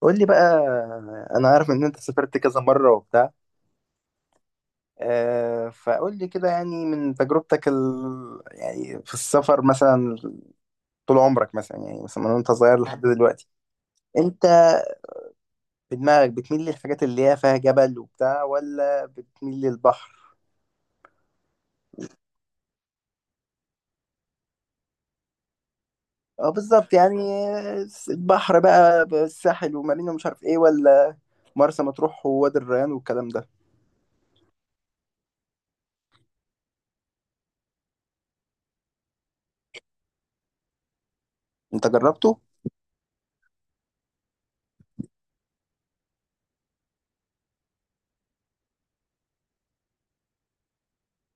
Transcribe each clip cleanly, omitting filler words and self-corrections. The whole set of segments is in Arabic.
قول لي بقى، انا عارف ان انت سافرت كذا مره وبتاع. فقول لي كده، يعني من تجربتك يعني في السفر مثلا، طول عمرك مثلا يعني مثلا من وانت صغير لحد دلوقتي. انت في دماغك بتميل للحاجات اللي هي فيها جبل وبتاع، ولا بتميل للبحر؟ اه بالظبط يعني، البحر بقى، الساحل ومارينا ومش عارف ايه، ولا مرسى مطروح ووادي الريان والكلام ده. انت جربته؟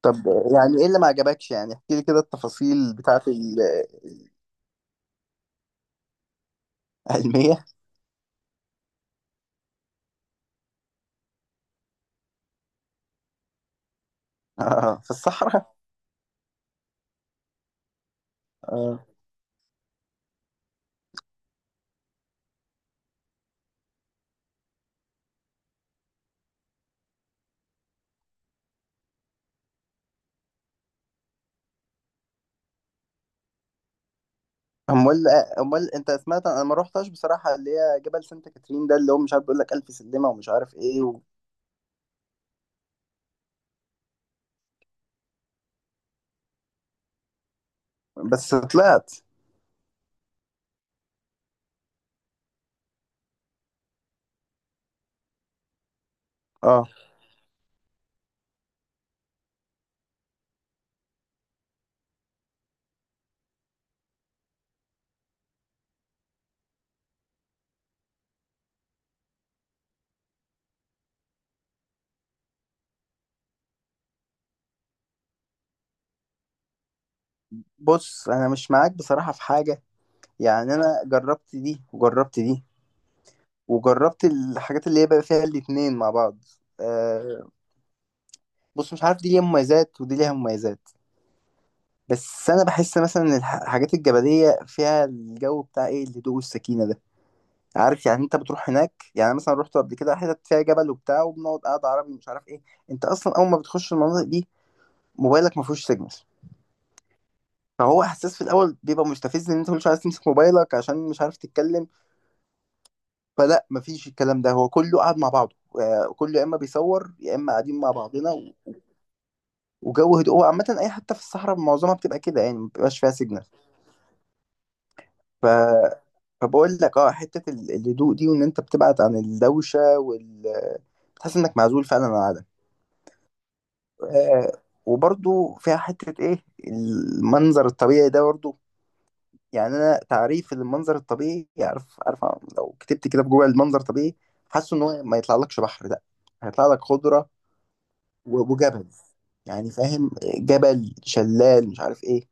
طب يعني ايه اللي ما عجبكش، يعني احكي لي كده التفاصيل بتاعت العلمية. آه، في الصحراء. آه. امال، انت سمعت، انا ما روحتش بصراحه، اللي هي جبل سانت كاترين ده اللي هو مش عارف، بيقول لك الف سلمه ومش عارف ايه بس طلعت؟ اه، بص انا مش معاك بصراحه في حاجه، يعني انا جربت دي وجربت دي وجربت الحاجات اللي هي بقى فيها الاتنين مع بعض. آه. بص، مش عارف، دي ليها مميزات ودي ليها مميزات، بس انا بحس مثلا إن الحاجات الجبليه فيها الجو بتاع ايه، الهدوء والسكينه ده، عارف يعني. انت بتروح هناك، يعني مثلا رحت قبل كده حتت فيها جبل وبتاع، وبنقعد قاعده عربي مش عارف ايه. انت اصلا اول ما بتخش المناطق دي موبايلك ما فيهوش سيجنال، فهو احساس في الاول بيبقى مستفز ان انت مش عايز تمسك موبايلك عشان مش عارف تتكلم. فلا، مفيش الكلام ده، هو كله قاعد مع بعضه. آه، كله يا اما بيصور يا اما قاعدين مع بعضنا وجو هدوء. هو عامه اي حته في الصحراء معظمها بتبقى كده، يعني ما بيبقاش فيها سيجنال. ف فبقول لك اه، حته الهدوء دي، وان انت بتبعد عن الدوشه بتحس انك معزول فعلا عن العالم. آه، وبرضو فيها حتة ايه، المنظر الطبيعي ده برضو. يعني انا تعريف المنظر الطبيعي عارف، لو كتبت كده في جوجل المنظر الطبيعي، حاسه ان هو ما يطلعلكش بحر ده، هيطلع لك خضرة وجبل، يعني فاهم، جبل، شلال، مش عارف ايه.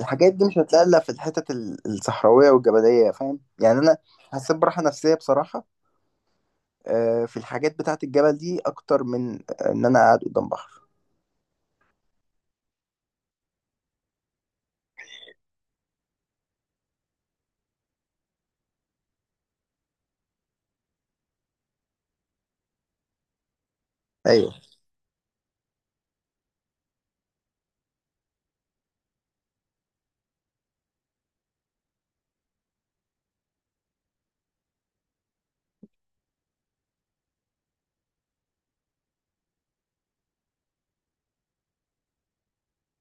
الحاجات دي مش هتلاقي الا في الحتت الصحراوية والجبلية، فاهم يعني. انا حسيت براحة نفسية بصراحة، آه، في الحاجات بتاعت الجبل دي اكتر من آه، ان انا قاعد قدام بحر. ايوه،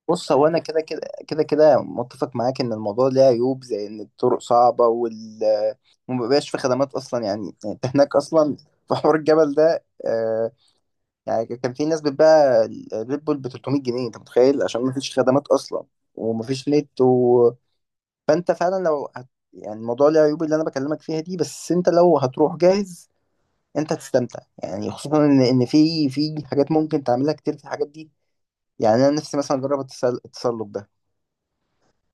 بص، هو انا كده كده متفق معاك ان الموضوع ليه عيوب، زي ان الطرق صعبه ومبقاش في خدمات اصلا، يعني. انت هناك اصلا في حوار الجبل ده، آه. يعني كان في ناس بتباع الريد بول ب 300 جنيه، انت متخيل؟ عشان مفيش خدمات اصلا ومفيش نت فانت فعلا لو يعني الموضوع ليه عيوب اللي انا بكلمك فيها دي، بس انت لو هتروح جاهز انت هتستمتع. يعني خصوصا ان في حاجات ممكن تعملها كتير في الحاجات دي. يعني انا نفسي مثلا اجرب التسلق،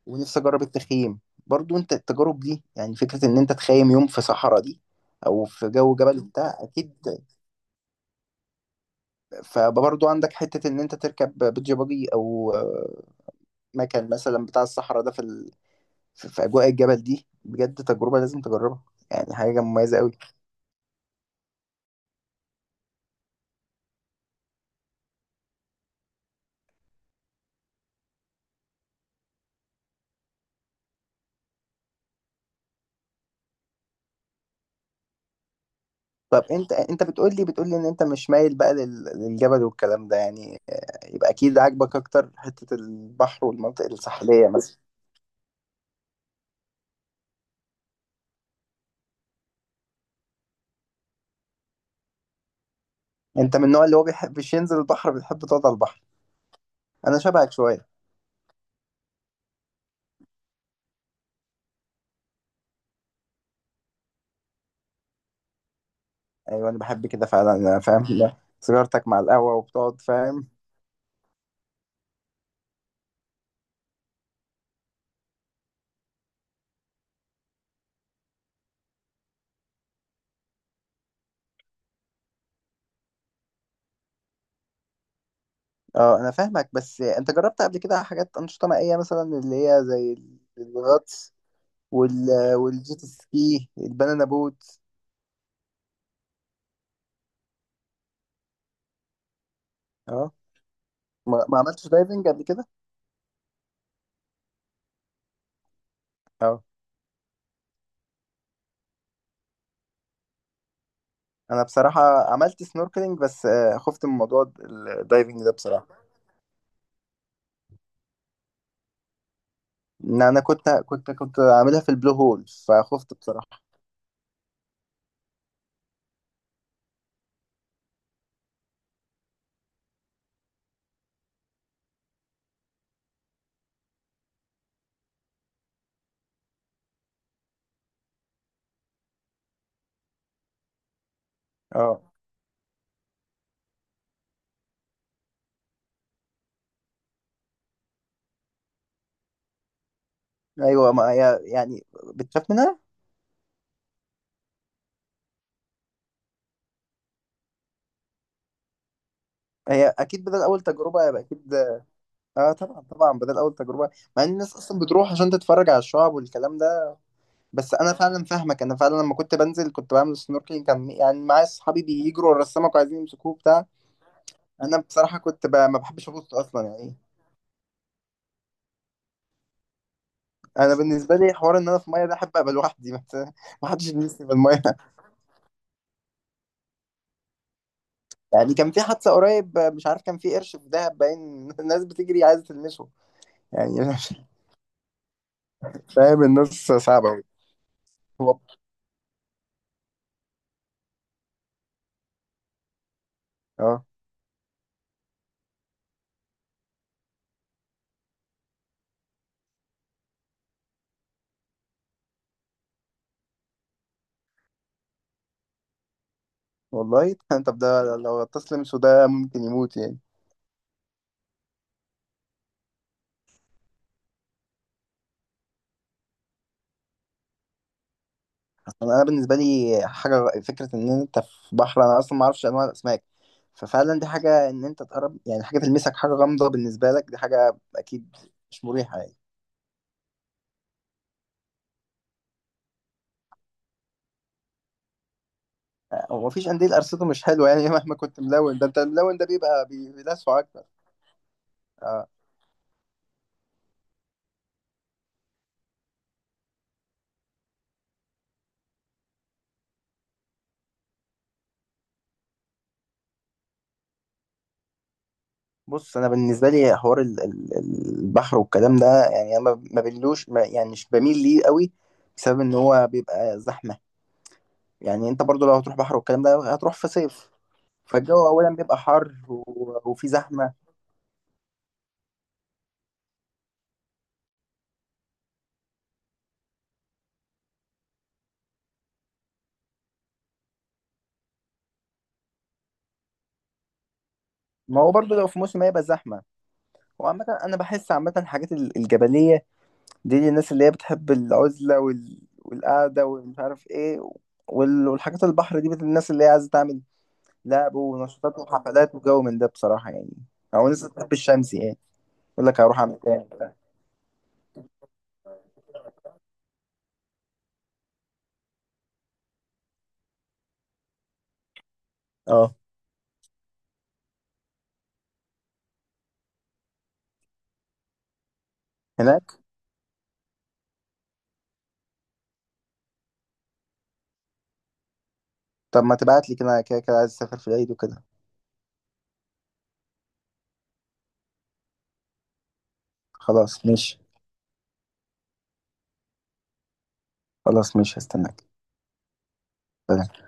ونفسي اجرب التخييم. برضو انت التجارب دي يعني، فكرة ان انت تخيم يوم في صحراء دي او في جو جبل بتاع، اكيد. فبرضو عندك حتة ان انت تركب بيتش باجي، او آه، مكان مثلا بتاع الصحراء ده في في اجواء الجبل دي، بجد تجربة لازم تجربها، يعني حاجة مميزة قوي. طب انت بتقول لي ان انت مش مايل بقى للجبل والكلام ده، يعني آه، يبقى اكيد عاجبك اكتر حتة البحر والمناطق الساحلية مثلا. انت من النوع اللي هو بيحبش ينزل البحر، بيحب تقعد على البحر؟ انا شبهك شوية. ايوه، انا بحب كده فعلا، انا فاهم سيجارتك مع القهوه وبتقعد، فاهم. اه، انا فاهمك، بس انت جربت قبل كده حاجات انشطه مائيه مثلا، اللي هي زي الغطس وال والجيت سكي، البنانا بوت. اه، ما عملتش دايفنج قبل كده. اه. انا بصراحه عملت سنوركلينج بس آه، خفت من موضوع الدايفنج ده بصراحه، ان انا كنت عاملها في البلو هول، فخفت بصراحه. اه. ايوه ما هي يعني، بتخاف منها. هي اكيد بدل اول تجربه يبقى اكيد. اه، طبعا طبعا، بدل اول تجربه، مع ان الناس اصلا بتروح عشان تتفرج على الشعاب والكلام ده. بس انا فعلا فاهمك، انا فعلا لما كنت بنزل كنت بعمل سنوركلينج، كان يعني معايا اصحابي بيجروا ورا السمك وعايزين يمسكوه بتاع. انا بصراحه كنت ما بحبش ابص اصلا يعني. انا بالنسبه لي حوار ان انا في الميه ده، احب ابقى لوحدي ما حدش يلمسني في الميه. يعني كان في حادثه قريب مش عارف، كان في قرش في دهب باين، الناس بتجري عايزه تلمسه يعني، فاهم، الناس صعبه أوي. هو- اه والله. طب ده لو غطاس لمسه ده ممكن يموت يعني. أنا بالنسبه لي حاجه، فكره ان انت في بحر، انا اصلا ما اعرفش انواع الاسماك. ففعلا دي حاجه، ان انت تقرب يعني حاجه تلمسك، حاجه غامضه بالنسبه لك، دي حاجه اكيد مش مريحه يعني. آه، هو مفيش قنديل قرصته مش حلوه يعني مهما كنت ملون، ده انت الملون ده بيبقى بيلسعه اكتر. آه. بص، انا بالنسبه لي حوار البحر والكلام ده، يعني انا ما بميلوش ما، يعني مش بميل ليه قوي، بسبب ان هو بيبقى زحمه. يعني انت برضو لو هتروح بحر والكلام ده هتروح في صيف، فالجو اولا بيبقى حر وفي زحمه. ما هو برضه لو في موسم هيبقى زحمة. وعامة أنا بحس عامة الحاجات الجبلية دي للناس اللي هي بتحب العزلة والقعدة ومش عارف إيه. والحاجات البحر دي، الناس اللي هي عايزة تعمل لعب ونشاطات وحفلات وجو من ده بصراحة، يعني أو الناس اللي بتحب الشمس، يعني يقول لك هروح أعمل إيه وبتاع. أه، هناك. طب ما تبعت لي كده، أنا كده كده عايز أسافر في العيد وكده. خلاص ماشي. خلاص ماشي، هستناك. سلام.